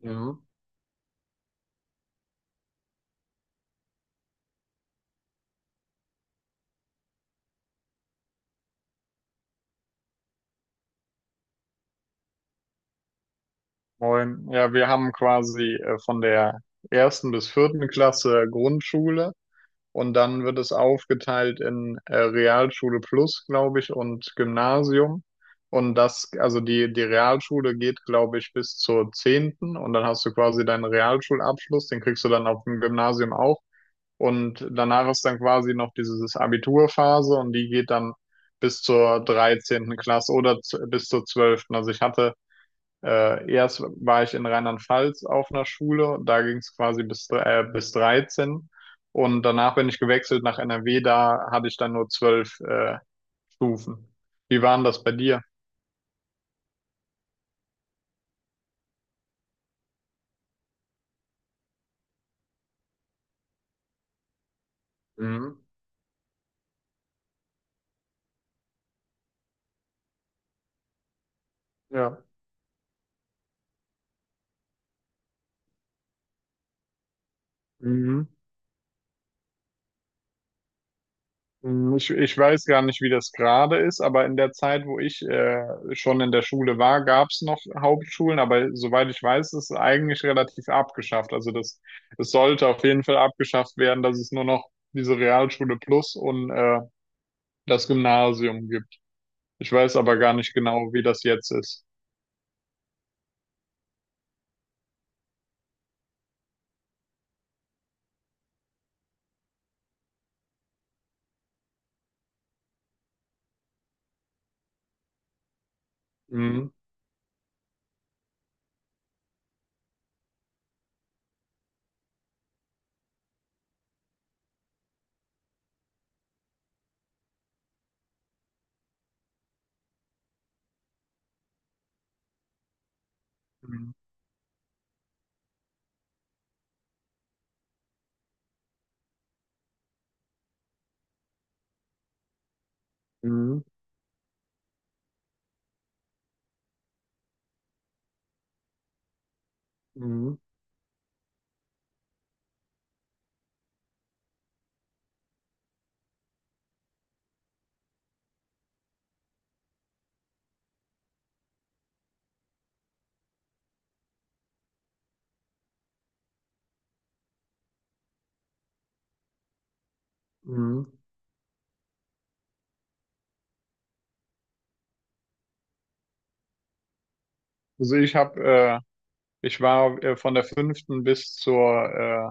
Ja. Moin. Ja, wir haben quasi von der ersten bis vierten Klasse Grundschule, und dann wird es aufgeteilt in Realschule Plus, glaube ich, und Gymnasium. Und das, also die Realschule geht, glaube ich, bis zur 10., und dann hast du quasi deinen Realschulabschluss, den kriegst du dann auf dem Gymnasium auch. Und danach ist dann quasi noch dieses Abiturphase, und die geht dann bis zur 13. Klasse oder bis zur 12. Also ich hatte Erst war ich in Rheinland-Pfalz auf einer Schule, da ging es quasi bis, bis 13, und danach bin ich gewechselt nach NRW, da hatte ich dann nur 12 Stufen. Wie waren das bei dir? Mhm. Ja. Mhm. Mhm. Ich weiß gar nicht, wie das gerade ist, aber in der Zeit, wo ich schon in der Schule war, gab es noch Hauptschulen, aber soweit ich weiß, ist es eigentlich relativ abgeschafft. Also das, es sollte auf jeden Fall abgeschafft werden, dass es nur noch diese Realschule Plus und das Gymnasium gibt. Ich weiß aber gar nicht genau, wie das jetzt ist. Mhm. Mhm. Mhm. Mhm. Mhm. Also ich habe, äh, Ich war von der fünften bis zur äh,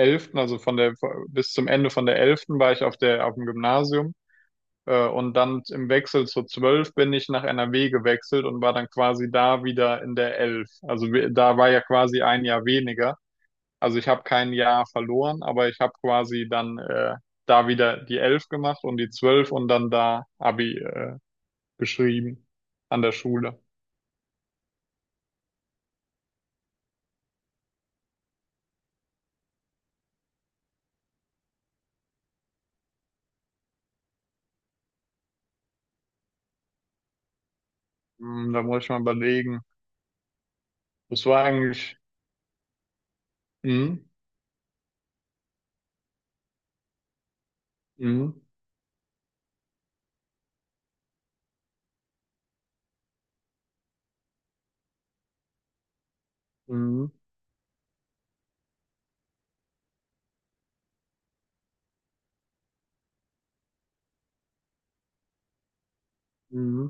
11., also von der bis zum Ende von der 11. war ich auf der auf dem Gymnasium. Und dann im Wechsel zur 12 bin ich nach N R W gewechselt und war dann quasi da wieder in der 11. Also da war ja quasi ein Jahr weniger. Also ich habe kein Jahr verloren, aber ich habe quasi dann da wieder die 11 gemacht und die 12 und dann da Abi geschrieben an der Schule. Hm, da muss ich mal überlegen. Das war eigentlich. hm, hm, hm, hm.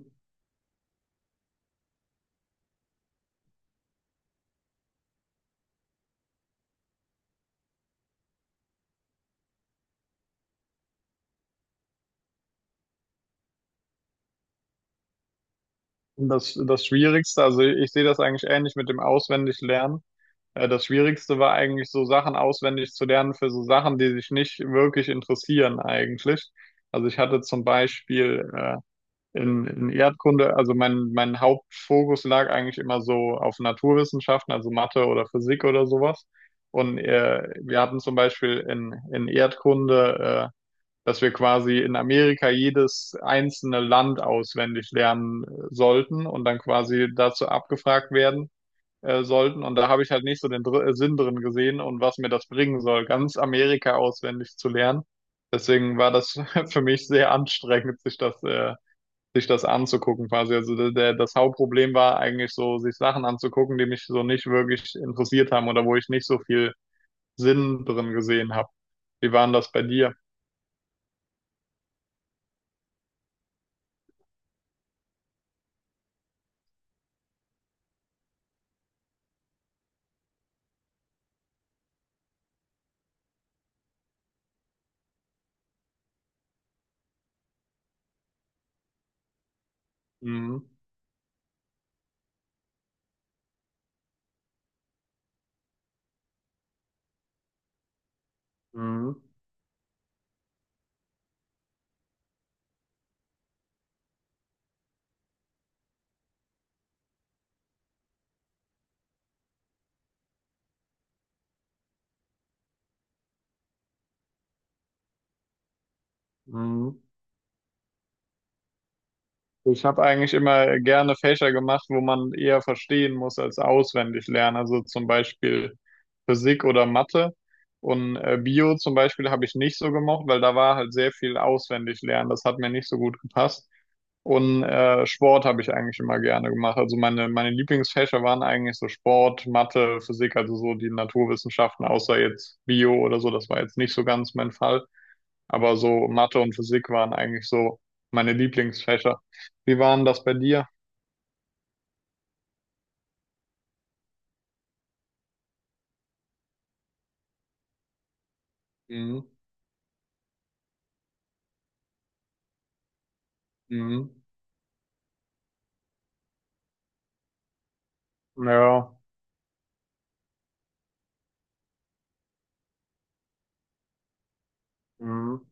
Das Schwierigste, also ich sehe das eigentlich ähnlich mit dem Auswendiglernen. Das Schwierigste war eigentlich so Sachen auswendig zu lernen für so Sachen, die sich nicht wirklich interessieren eigentlich. Also ich hatte zum Beispiel in Erdkunde, also mein Hauptfokus lag eigentlich immer so auf Naturwissenschaften, also Mathe oder Physik oder sowas. Und wir hatten zum Beispiel in Erdkunde, dass wir quasi in Amerika jedes einzelne Land auswendig lernen sollten und dann quasi dazu abgefragt werden sollten. Und da habe ich halt nicht so den Dr Sinn drin gesehen und was mir das bringen soll, ganz Amerika auswendig zu lernen. Deswegen war das für mich sehr anstrengend, sich das anzugucken quasi. Also das Hauptproblem war eigentlich so, sich Sachen anzugucken, die mich so nicht wirklich interessiert haben oder wo ich nicht so viel Sinn drin gesehen habe. Wie war denn das bei dir? Mhm. Mhm. Mhm. Ich habe eigentlich immer gerne Fächer gemacht, wo man eher verstehen muss als auswendig lernen. Also zum Beispiel Physik oder Mathe. Und Bio zum Beispiel habe ich nicht so gemocht, weil da war halt sehr viel auswendig lernen. Das hat mir nicht so gut gepasst. Und Sport habe ich eigentlich immer gerne gemacht. Also meine Lieblingsfächer waren eigentlich so Sport, Mathe, Physik, also so die Naturwissenschaften, außer jetzt Bio oder so. Das war jetzt nicht so ganz mein Fall. Aber so Mathe und Physik waren eigentlich so meine Lieblingsfächer. Wie waren das bei dir? Mhm. Mhm. Ja. Mhm.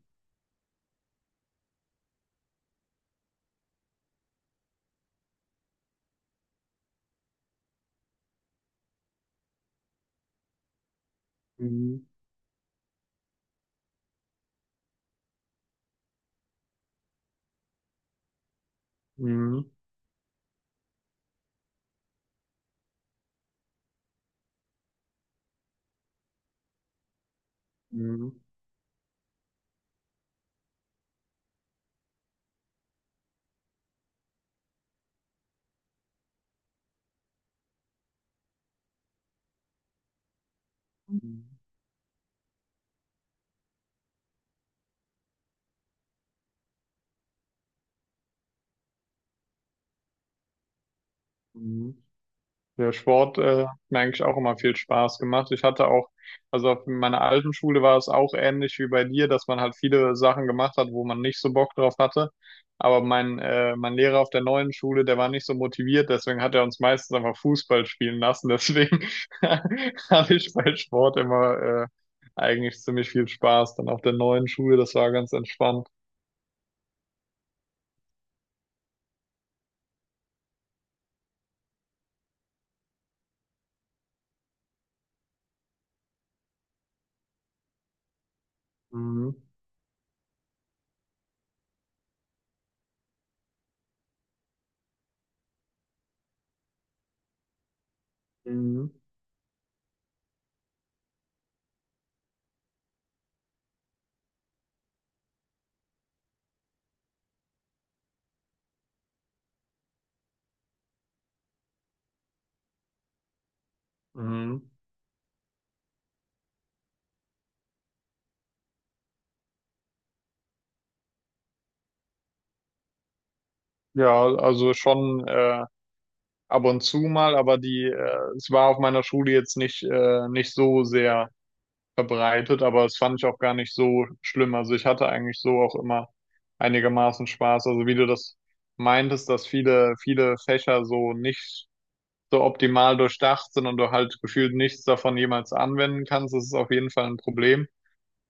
Mhm. Mhm. Mhm. Mhm. Mhm. Der Sport hat mir eigentlich auch immer viel Spaß gemacht. Ich hatte auch, also auf meiner alten Schule war es auch ähnlich wie bei dir, dass man halt viele Sachen gemacht hat, wo man nicht so Bock drauf hatte. Aber mein Lehrer auf der neuen Schule, der war nicht so motiviert, deswegen hat er uns meistens einfach Fußball spielen lassen. Deswegen hatte ich bei Sport immer eigentlich ziemlich viel Spaß. Dann auf der neuen Schule, das war ganz entspannt. Mhm. Mhm. Mhm. Ja, also schon. Ab und zu mal, aber es war auf meiner Schule jetzt nicht, nicht so sehr verbreitet, aber es fand ich auch gar nicht so schlimm. Also ich hatte eigentlich so auch immer einigermaßen Spaß. Also wie du das meintest, dass viele Fächer so nicht so optimal durchdacht sind und du halt gefühlt nichts davon jemals anwenden kannst, das ist auf jeden Fall ein Problem.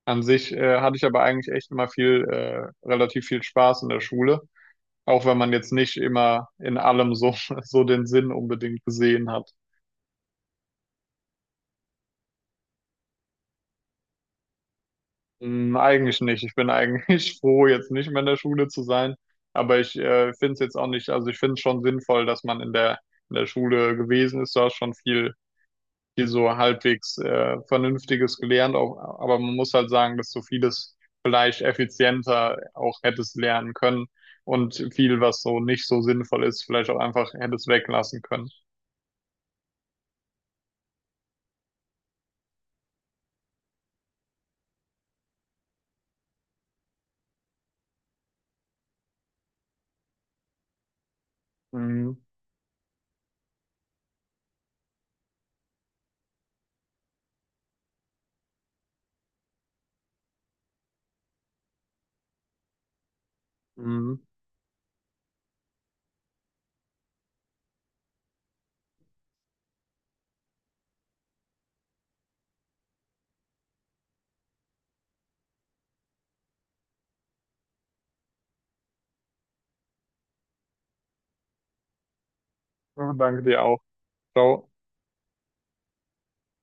An sich, hatte ich aber eigentlich echt immer relativ viel Spaß in der Schule, auch wenn man jetzt nicht immer in allem so, so den Sinn unbedingt gesehen hat. Hm, eigentlich nicht. Ich bin eigentlich froh, jetzt nicht mehr in der Schule zu sein. Aber ich finde es jetzt auch nicht, also ich finde es schon sinnvoll, dass man in der Schule gewesen ist. Du hast schon viel, viel so halbwegs Vernünftiges gelernt. Auch, aber man muss halt sagen, dass du vieles vielleicht effizienter auch hättest lernen können und viel, was so nicht so sinnvoll ist, vielleicht auch einfach hättest weglassen können. Mhm. Mhm. Ja, danke dir auch. Ciao.